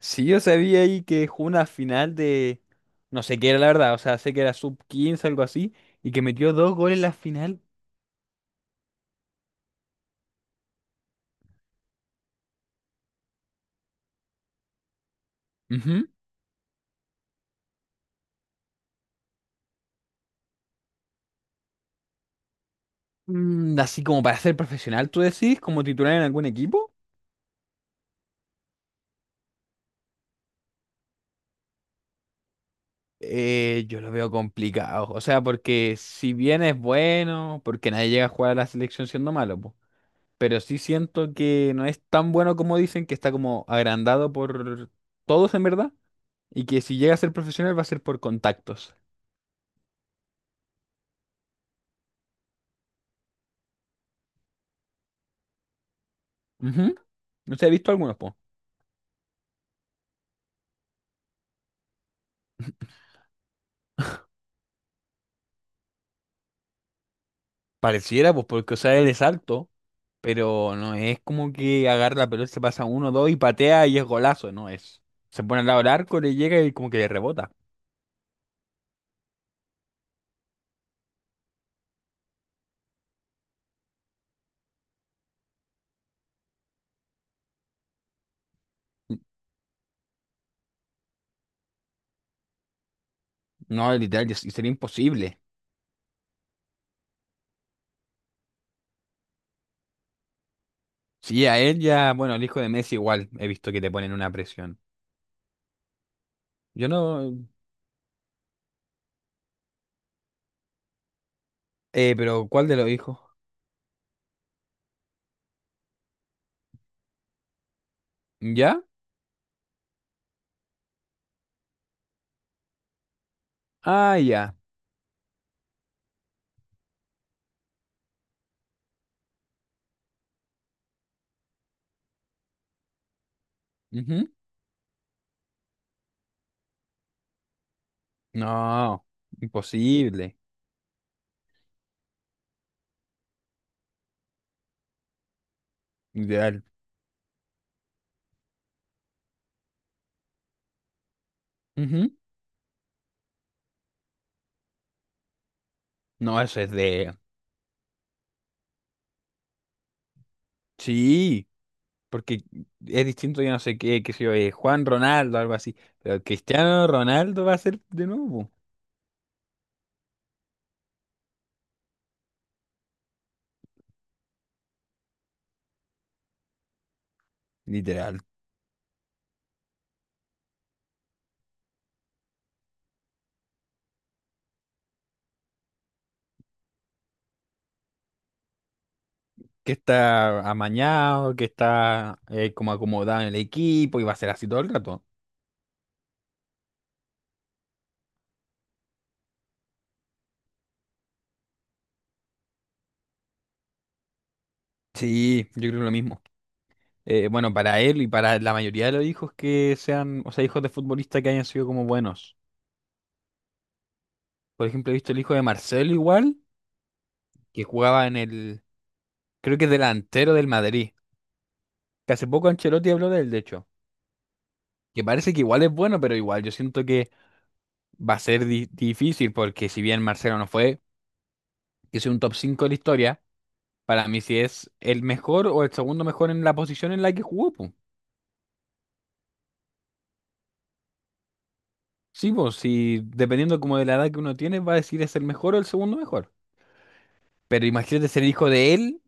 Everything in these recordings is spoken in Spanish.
Sí, yo sabía ahí que jugó una final de... No sé qué era la verdad, o sea, sé que era sub-15 algo así, y que metió dos goles en la final. Ujú. Mm, así como para ser profesional, tú decís, como titular en algún equipo. Yo lo veo complicado, o sea, porque si bien es bueno, porque nadie llega a jugar a la selección siendo malo, po, pero sí siento que no es tan bueno como dicen, que está como agrandado por todos en verdad, y que si llega a ser profesional va a ser por contactos. Ujú. No sé, he visto algunos, po. Pareciera, pues, porque, o sea, él es alto, pero no es como que agarra la pelota, se pasa uno, dos y patea y es golazo, no es. Se pone al lado del arco, le llega y como que le rebota. No, literal, y sería imposible. Sí, a él ya, bueno, el hijo de Messi igual, he visto que te ponen una presión. Yo no, pero ¿cuál de los hijos? ¿Ya? Ah, ya. Ujú. No, imposible. Ideal. Ujú. No, eso es de... Sí. Porque es distinto, yo no sé qué, qué sé yo, Juan Ronaldo, algo así. Pero Cristiano Ronaldo va a ser de nuevo, literal. Que está amañado, que está como acomodado en el equipo y va a ser así todo el rato. Sí, yo creo lo mismo. Bueno, para él y para la mayoría de los hijos que sean, o sea, hijos de futbolistas que hayan sido como buenos. Por ejemplo, he visto el hijo de Marcelo igual, que jugaba en el, creo que es delantero del Madrid. Que hace poco Ancelotti habló de él, de hecho. Que parece que igual es bueno, pero igual yo siento que va a ser difícil porque si bien Marcelo no fue, que es un top 5 de la historia, para mí si es el mejor o el segundo mejor en la posición en la que jugó, po. Sí, pues si dependiendo como de la edad que uno tiene, va a decir es el mejor o el segundo mejor. Pero imagínate ser hijo de él,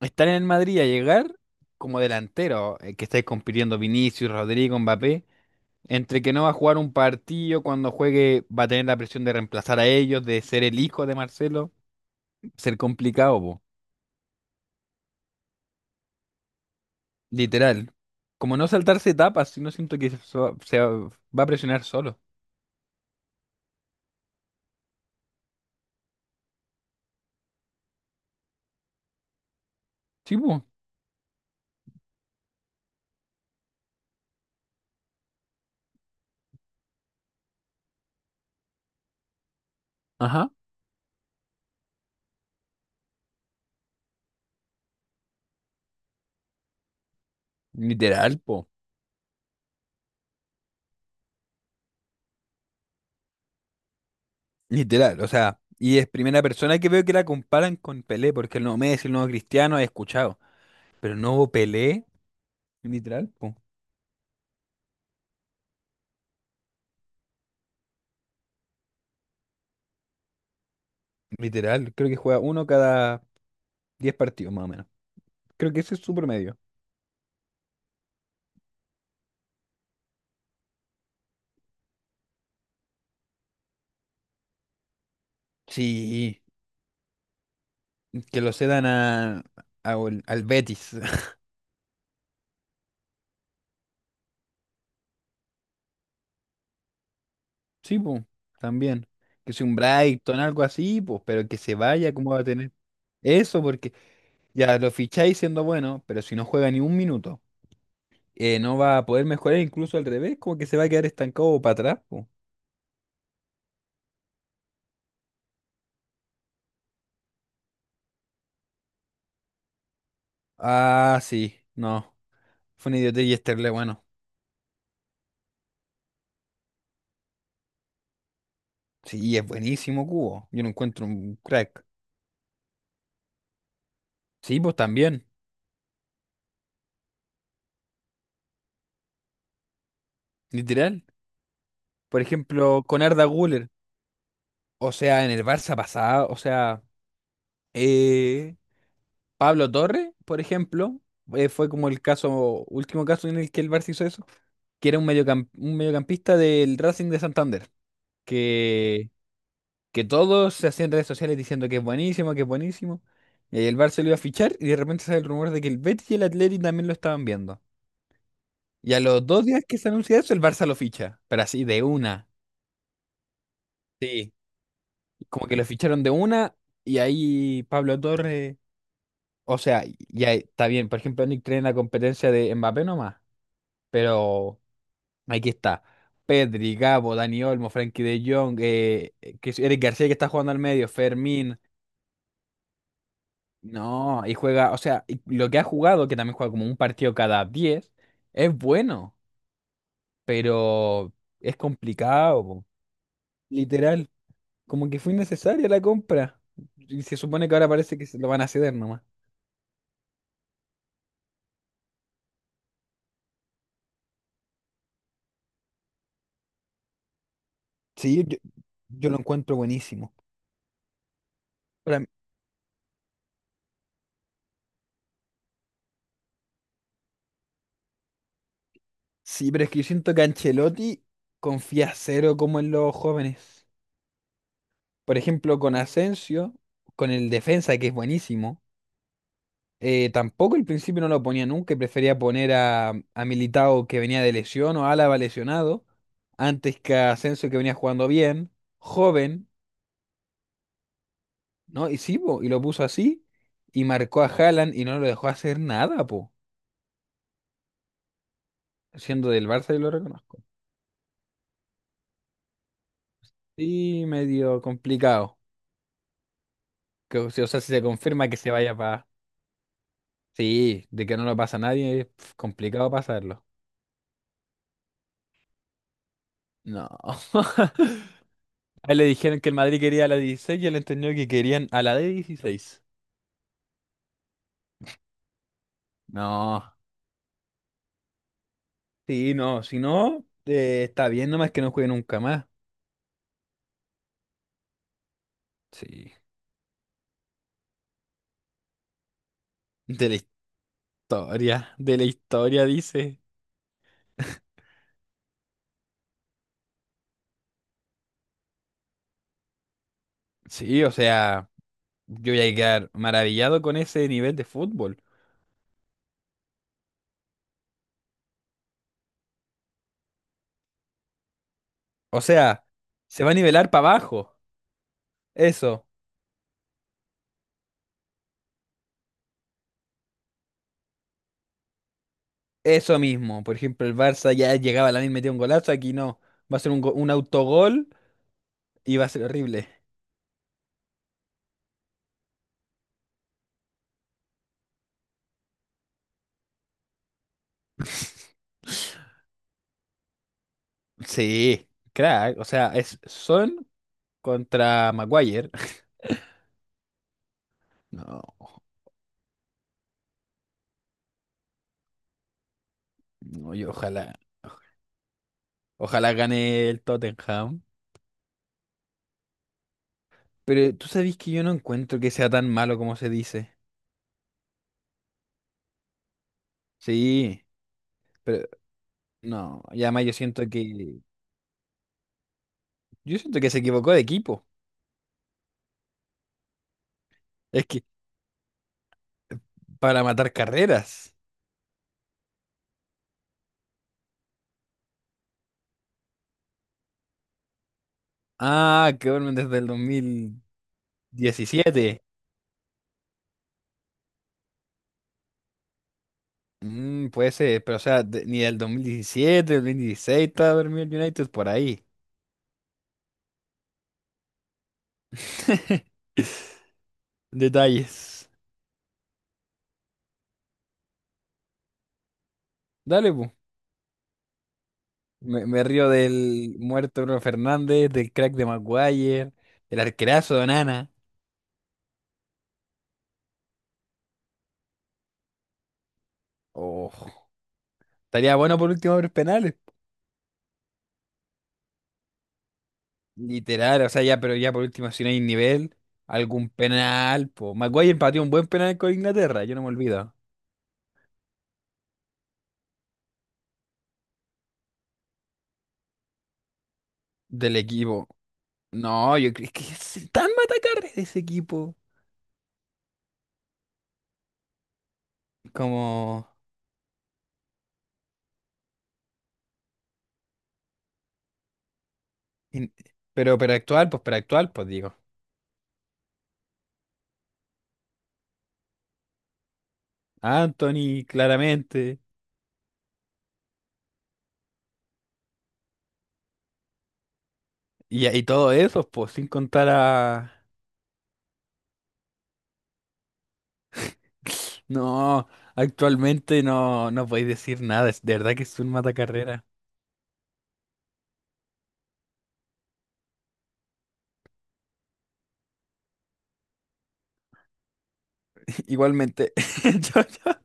estar en el Madrid a llegar como delantero, que estáis compitiendo Vinicius, Rodrigo, Mbappé, entre que no va a jugar un partido, cuando juegue va a tener la presión de reemplazar a ellos, de ser el hijo de Marcelo, ser complicado, po. Literal. Como no saltarse etapas, si no siento que se va, va a presionar solo. Sí, po. Ajá. Literal, po. Literal, o sea, y es primera persona que veo que la comparan con Pelé, porque el nuevo Messi, el nuevo Cristiano, he escuchado. Pero el nuevo Pelé, literal, po. Literal, creo que juega uno cada 10 partidos más o menos. Creo que ese es su promedio. Sí, que lo cedan al Betis. Sí, po, también. Que sea un Brighton, algo así, pues, pero que se vaya, ¿cómo va a tener? Eso porque ya lo ficháis siendo bueno, pero si no juega ni un minuto, no va a poder mejorar, incluso al revés, como que se va a quedar estancado para atrás. Po. Ah, sí, no. Fue una idiotez y Esterle, bueno. Sí, es buenísimo Cubo. Yo no encuentro un crack. Sí, pues también, literal. Por ejemplo, con Arda Güler. O sea, en el Barça pasado, o sea, eh, Pablo Torres, por ejemplo, fue como el caso, último caso en el que el Barça hizo eso que era un, un mediocampista del Racing de Santander. que, que todos se hacían redes sociales diciendo que es buenísimo, que es buenísimo. Y ahí el Barça lo iba a fichar y de repente sale el rumor de que el Betis y el Atleti también lo estaban viendo. Y a los 2 días que se anuncia eso, el Barça lo ficha, pero así de una. Sí. Como que lo ficharon de una y ahí Pablo Torres, o sea, ya está bien, por ejemplo, Nick trae en la competencia de Mbappé nomás, pero aquí está. Pedri, Gabo, Dani Olmo, Frankie de Jong, que es Eric García que está jugando al medio, Fermín. No, y juega, o sea, y lo que ha jugado, que también juega como un partido cada 10 es bueno, pero es complicado, po. Literal. Como que fue innecesaria la compra. Y se supone que ahora parece que se lo van a ceder nomás. Sí, yo lo encuentro buenísimo. Para mí- sí, pero es que yo siento que Ancelotti confía cero como en los jóvenes. Por ejemplo, con Asensio, con el defensa, que es buenísimo. Tampoco al principio no lo ponía nunca y prefería poner a Militao que venía de lesión o Álava lesionado antes que a Asensio que venía jugando bien, joven, ¿no? Y sí, po, y lo puso así y marcó a Haaland y no lo dejó hacer nada, po. Siendo del Barça yo lo reconozco. Sí, medio complicado. Que, o sea, si se confirma que se vaya para... Sí, de que no lo pasa a nadie, es complicado pasarlo. No. A él le dijeron que el Madrid quería a la 16 y él entendió que querían a la de 16. No. Sí, no, si no, está bien, nomás que no juegue nunca más. Sí. De la de la historia, dice. Sí, o sea, yo voy a quedar maravillado con ese nivel de fútbol. O sea, se va a nivelar para abajo. Eso, eso mismo. Por ejemplo, el Barça ya llegaba a la misma, metía un golazo, aquí no. Va a ser un, un autogol y va a ser horrible. Sí, crack. O sea, es Son contra Maguire. No. Oye, ojalá, ojalá gane el Tottenham. Pero tú sabes que yo no encuentro que sea tan malo como se dice. Sí, pero no. Y además yo siento que se equivocó de equipo. Es que para matar carreras. Ah, que vuelven desde el 2017. Mm, puede ser, pero o sea, ni del 2017, del 2016 estaba dormido el United por ahí. Detalles. Dale, pues. Me río del muerto Bruno Fernández, del crack de Maguire, del arquerazo de Onana. Oh, estaría bueno por último ver penales. Literal, o sea, ya, pero ya por último, si no hay nivel, algún penal. Po. Maguire empató un buen penal con Inglaterra, yo no me olvido. Del equipo. No, yo creo que es tan matacar de ese equipo. Como. In-. Pero actual, pues digo. Anthony, claramente. Y todo eso, pues, sin contar a. No, actualmente no, no podéis decir nada, es de verdad que es un matacarrera. Igualmente, chao, chao.